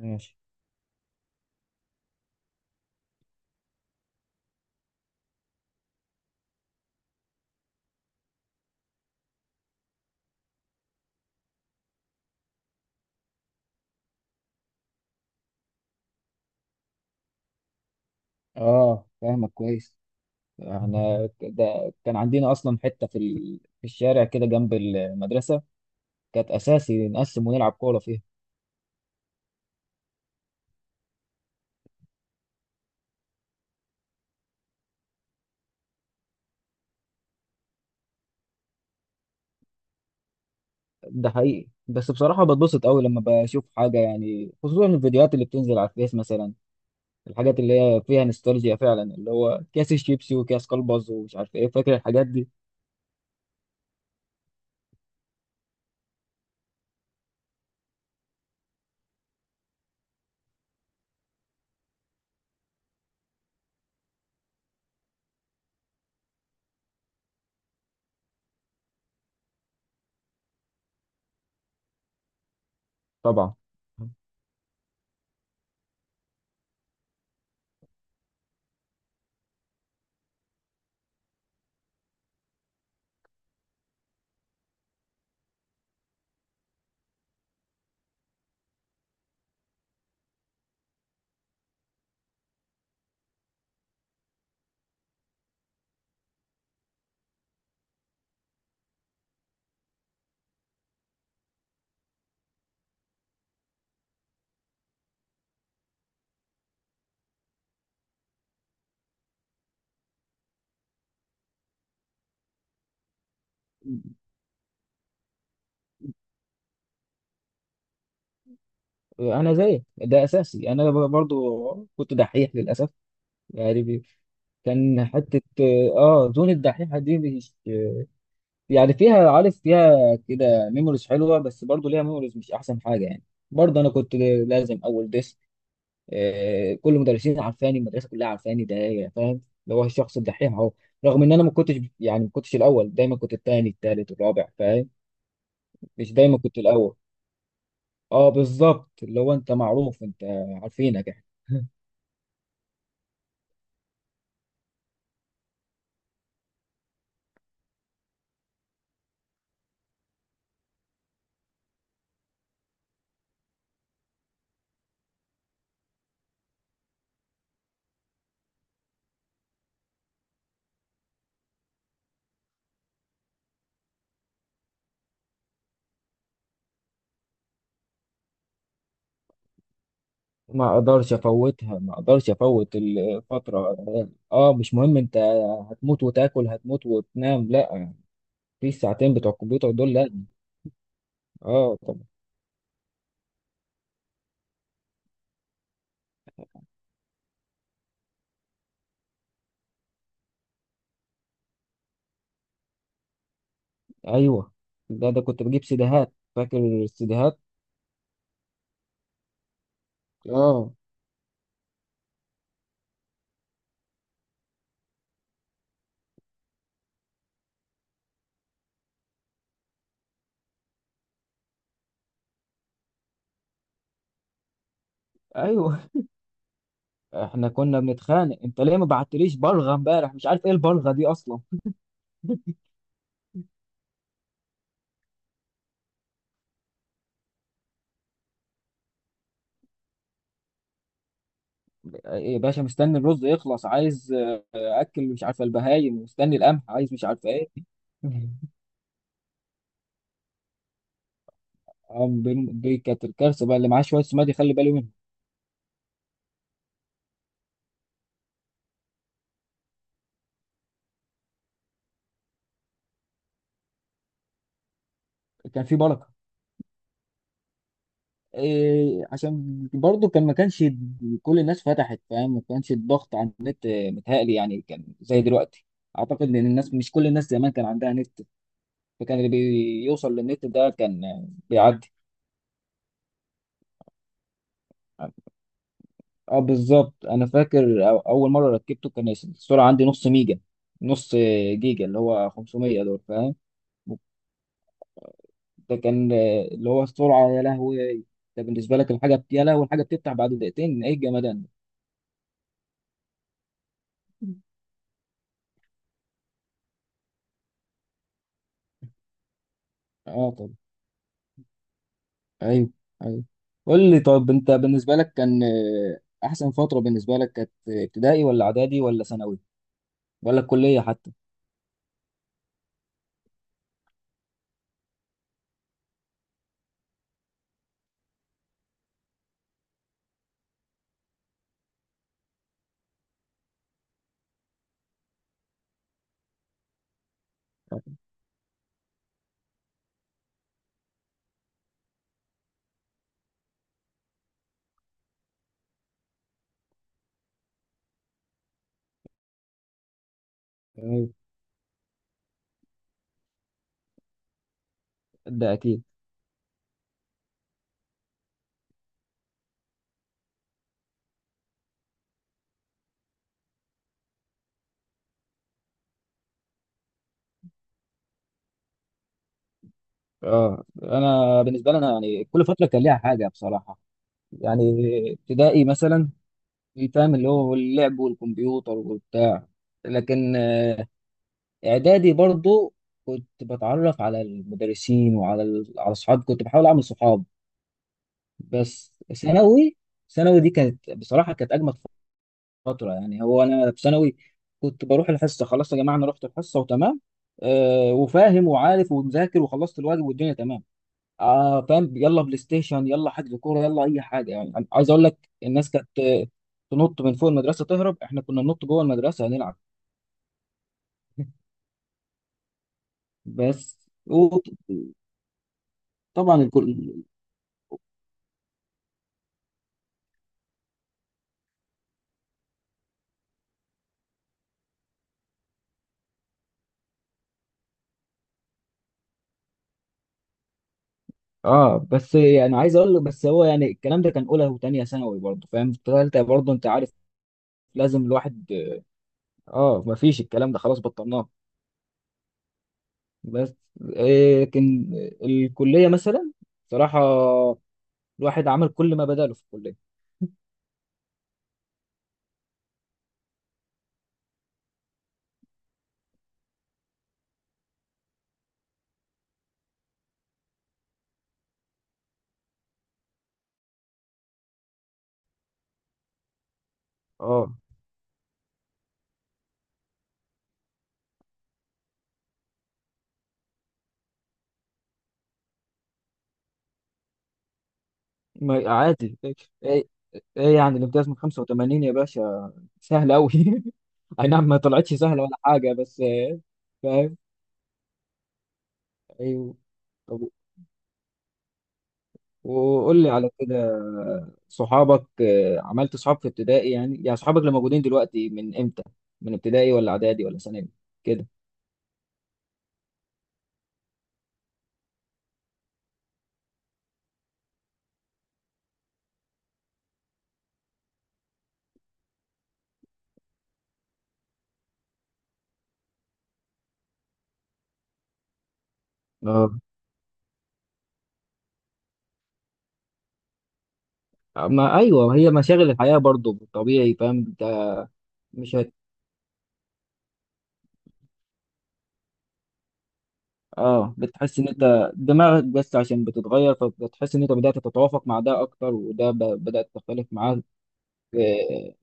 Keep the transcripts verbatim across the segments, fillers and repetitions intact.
ماشي. اه فاهمك كويس. احنا ك- ده كان عندنا اصلا حته في ال... في الشارع كده جنب المدرسه، كانت اساسي نقسم ونلعب كوره فيها. ده حقيقي، بس بصراحه بتبسط قوي لما بشوف حاجه، يعني خصوصا الفيديوهات اللي بتنزل على الفيس مثلا، الحاجات اللي هي فيها نوستالجيا فعلا، اللي هو كاس الشيبسي وكاس كلبز ومش عارف ايه، فاكر الحاجات دي. طبعا. انا زيك، ده اساسي، انا برضو كنت دحيح للاسف. يعني كان حتة، اه زون الدحيحة دي، مش يعني فيها، عارف، فيها كده ميموريز حلوة، بس برضو ليها ميموريز مش أحسن حاجة يعني. برضو أنا كنت لازم أول ديسك، آه، كل المدرسين عارفاني، المدرسة كلها عارفاني، ده يا فاهم اللي هو الشخص الدحيح أهو. رغم إن أنا ما كنتش، يعني ما كنتش الأول دايما، كنت التاني التالت الرابع فاهم، مش دايما كنت الأول. اه بالظبط، اللي هو أنت معروف، أنت عارفينك يعني. ما اقدرش افوتها، ما اقدرش افوت الفتره. اه مش مهم، انت هتموت وتاكل، هتموت وتنام، لا، في الساعتين بتوع الكمبيوتر دول، لا. اه طبعا. ايوه، ده ده كنت بجيب سيديهات فاكر، السيديهات. اه، ايوه. احنا كنا بنتخانق، انت ليه ما بعتليش بلغه امبارح؟ مش عارف ايه البلغه دي اصلا. إيه، يا باشا مستني الرز يخلص، عايز آه، اكل، مش عارفه البهايم مستني القمح، عايز مش عارفه ايه. آه، بن- دي كانت الكارثه بقى، اللي معاه شويه سماد يخلي باله منه. كان في بركه، إيه؟ عشان برضو كان، ما كانش كل الناس فتحت فاهم، ما كانش الضغط على النت آه، متهيألي يعني كان زي دلوقتي. اعتقد ان الناس، مش كل الناس زمان كان عندها نت، فكان اللي بيوصل للنت ده كان آه، بيعدي. اه بالظبط، انا فاكر أو- اول مره ركبته كان السرعه عندي نص ميجا، نص آه، جيجا اللي هو خمسمية دول فاهم. ده كان آه، اللي هو السرعه، يا لهوي، ده بالنسبه لك الحاجه بت- يا لهوي الحاجه بتفتح بعد دقيقتين، ايه الجمدان ده. اه. ايوه، ايوه. قول لي طب، انت بالنسبه لك كان آه، احسن فتره بالنسبه لك كانت ابتدائي ولا اعدادي ولا ثانوي، ولا الكليه حتى؟ أيوة، ده اكيد. اه، انا بالنسبه لي انا يعني كل فتره كان ليها حاجه بصراحه. يعني ابتدائي مثلا فاهم اللي هو اللعب والكمبيوتر وبتاع. لكن آه، اعدادي برضو كنت بتعرف على المدرسين وعلى ال- على اصحاب، كنت بحاول اعمل صحاب. بس ثانوي ثانوي دي كانت بصراحه كانت اجمل فترة، يعني هو أنا في ثانوي كنت بروح الحصة، خلاص يا جماعة أنا رحت الحصة وتمام، آه وفاهم وعارف ومذاكر وخلصت الواجب والدنيا تمام. آه فاهم، يلا بلاي ستيشن، يلا حجز كورة، يلا أي حاجة يعني. أنا عايز أقول لك الناس كانت آه، تنط من فوق المدرسة تهرب، إحنا كنا ننط جوه المدرسة نلعب، بس. وطبعا الكل. اه بس يعني عايز اقول لك، بس هو يعني الكلام ده كان اولى وثانيه ثانوي برضه فاهم، في ثالثه برضه انت عارف لازم الواحد، اه مفيش الكلام ده، خلاص بطلناه. بس آه، لكن الكلية مثلا صراحة الواحد عمل كل ما بداله في الكلية. اه. ما- عادي. ايه، ايه يعني الامتياز من خمسة وتمانين يا باشا، سهل قوي. اي نعم ما طلعتش سهلة ولا حاجة، بس آه، فاهم. ايوه. طب وقول لي على كده، صحابك آه، عملت صحاب في ابتدائي يعني؟ يعني صحابك اللي موجودين دلوقتي من امتى؟ من ابتدائي ولا اعدادي ولا ثانوي؟ كده. اه. ما ايوه، هي مشاغل الحياة برضو طبيعي فاهم انت، مش هت... اه بتحس ان انت دماغك بس عشان بتتغير، فبتحس ان انت بدأت تتوافق مع ده اكتر، وده ب... بدأت تختلف معاك. آه،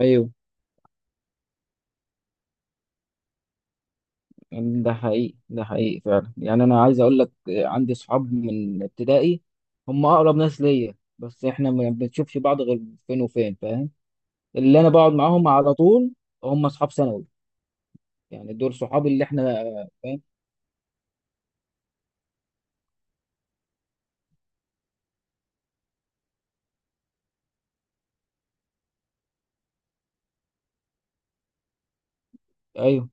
ايوه. يعني ده حقيقي، ده حقيقي فعلا. يعني انا عايز اقول لك آه، عندي صحاب من ابتدائي، هم اقرب ناس ليا، بس احنا ما بنشوفش بعض غير فين وفين فاهم. اللي انا بقعد معاهم على طول هم اصحاب ثانوي، يعني دول صحابي اللي احنا آه، فاهم. ايوه،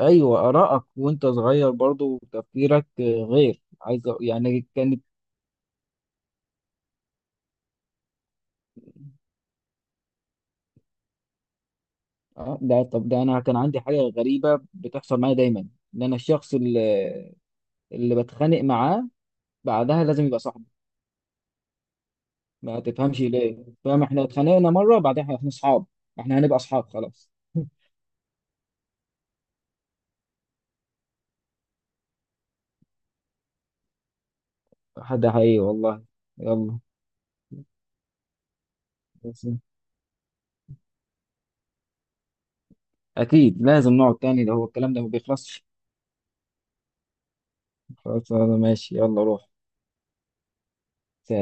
ايوه. ارائك وانت صغير برضو وتفكيرك آه، غير، عايز أ- يعني كان، اه ده، طب ده انا كان عندي حاجه غريبه بتحصل معايا دايما، ان انا الشخص اللي اللي بتخانق معاه بعدها لازم يبقى صاحبي، ما تفهمش ليه فاهم، احنا اتخانقنا مره بعدها احنا اصحاب، احنا هنبقى اصحاب خلاص. ده حقيقي والله. يلا، بس اكيد لازم نقعد تاني، ده هو الكلام ده ما بيخلصش. خلاص انا ماشي، يلا روح.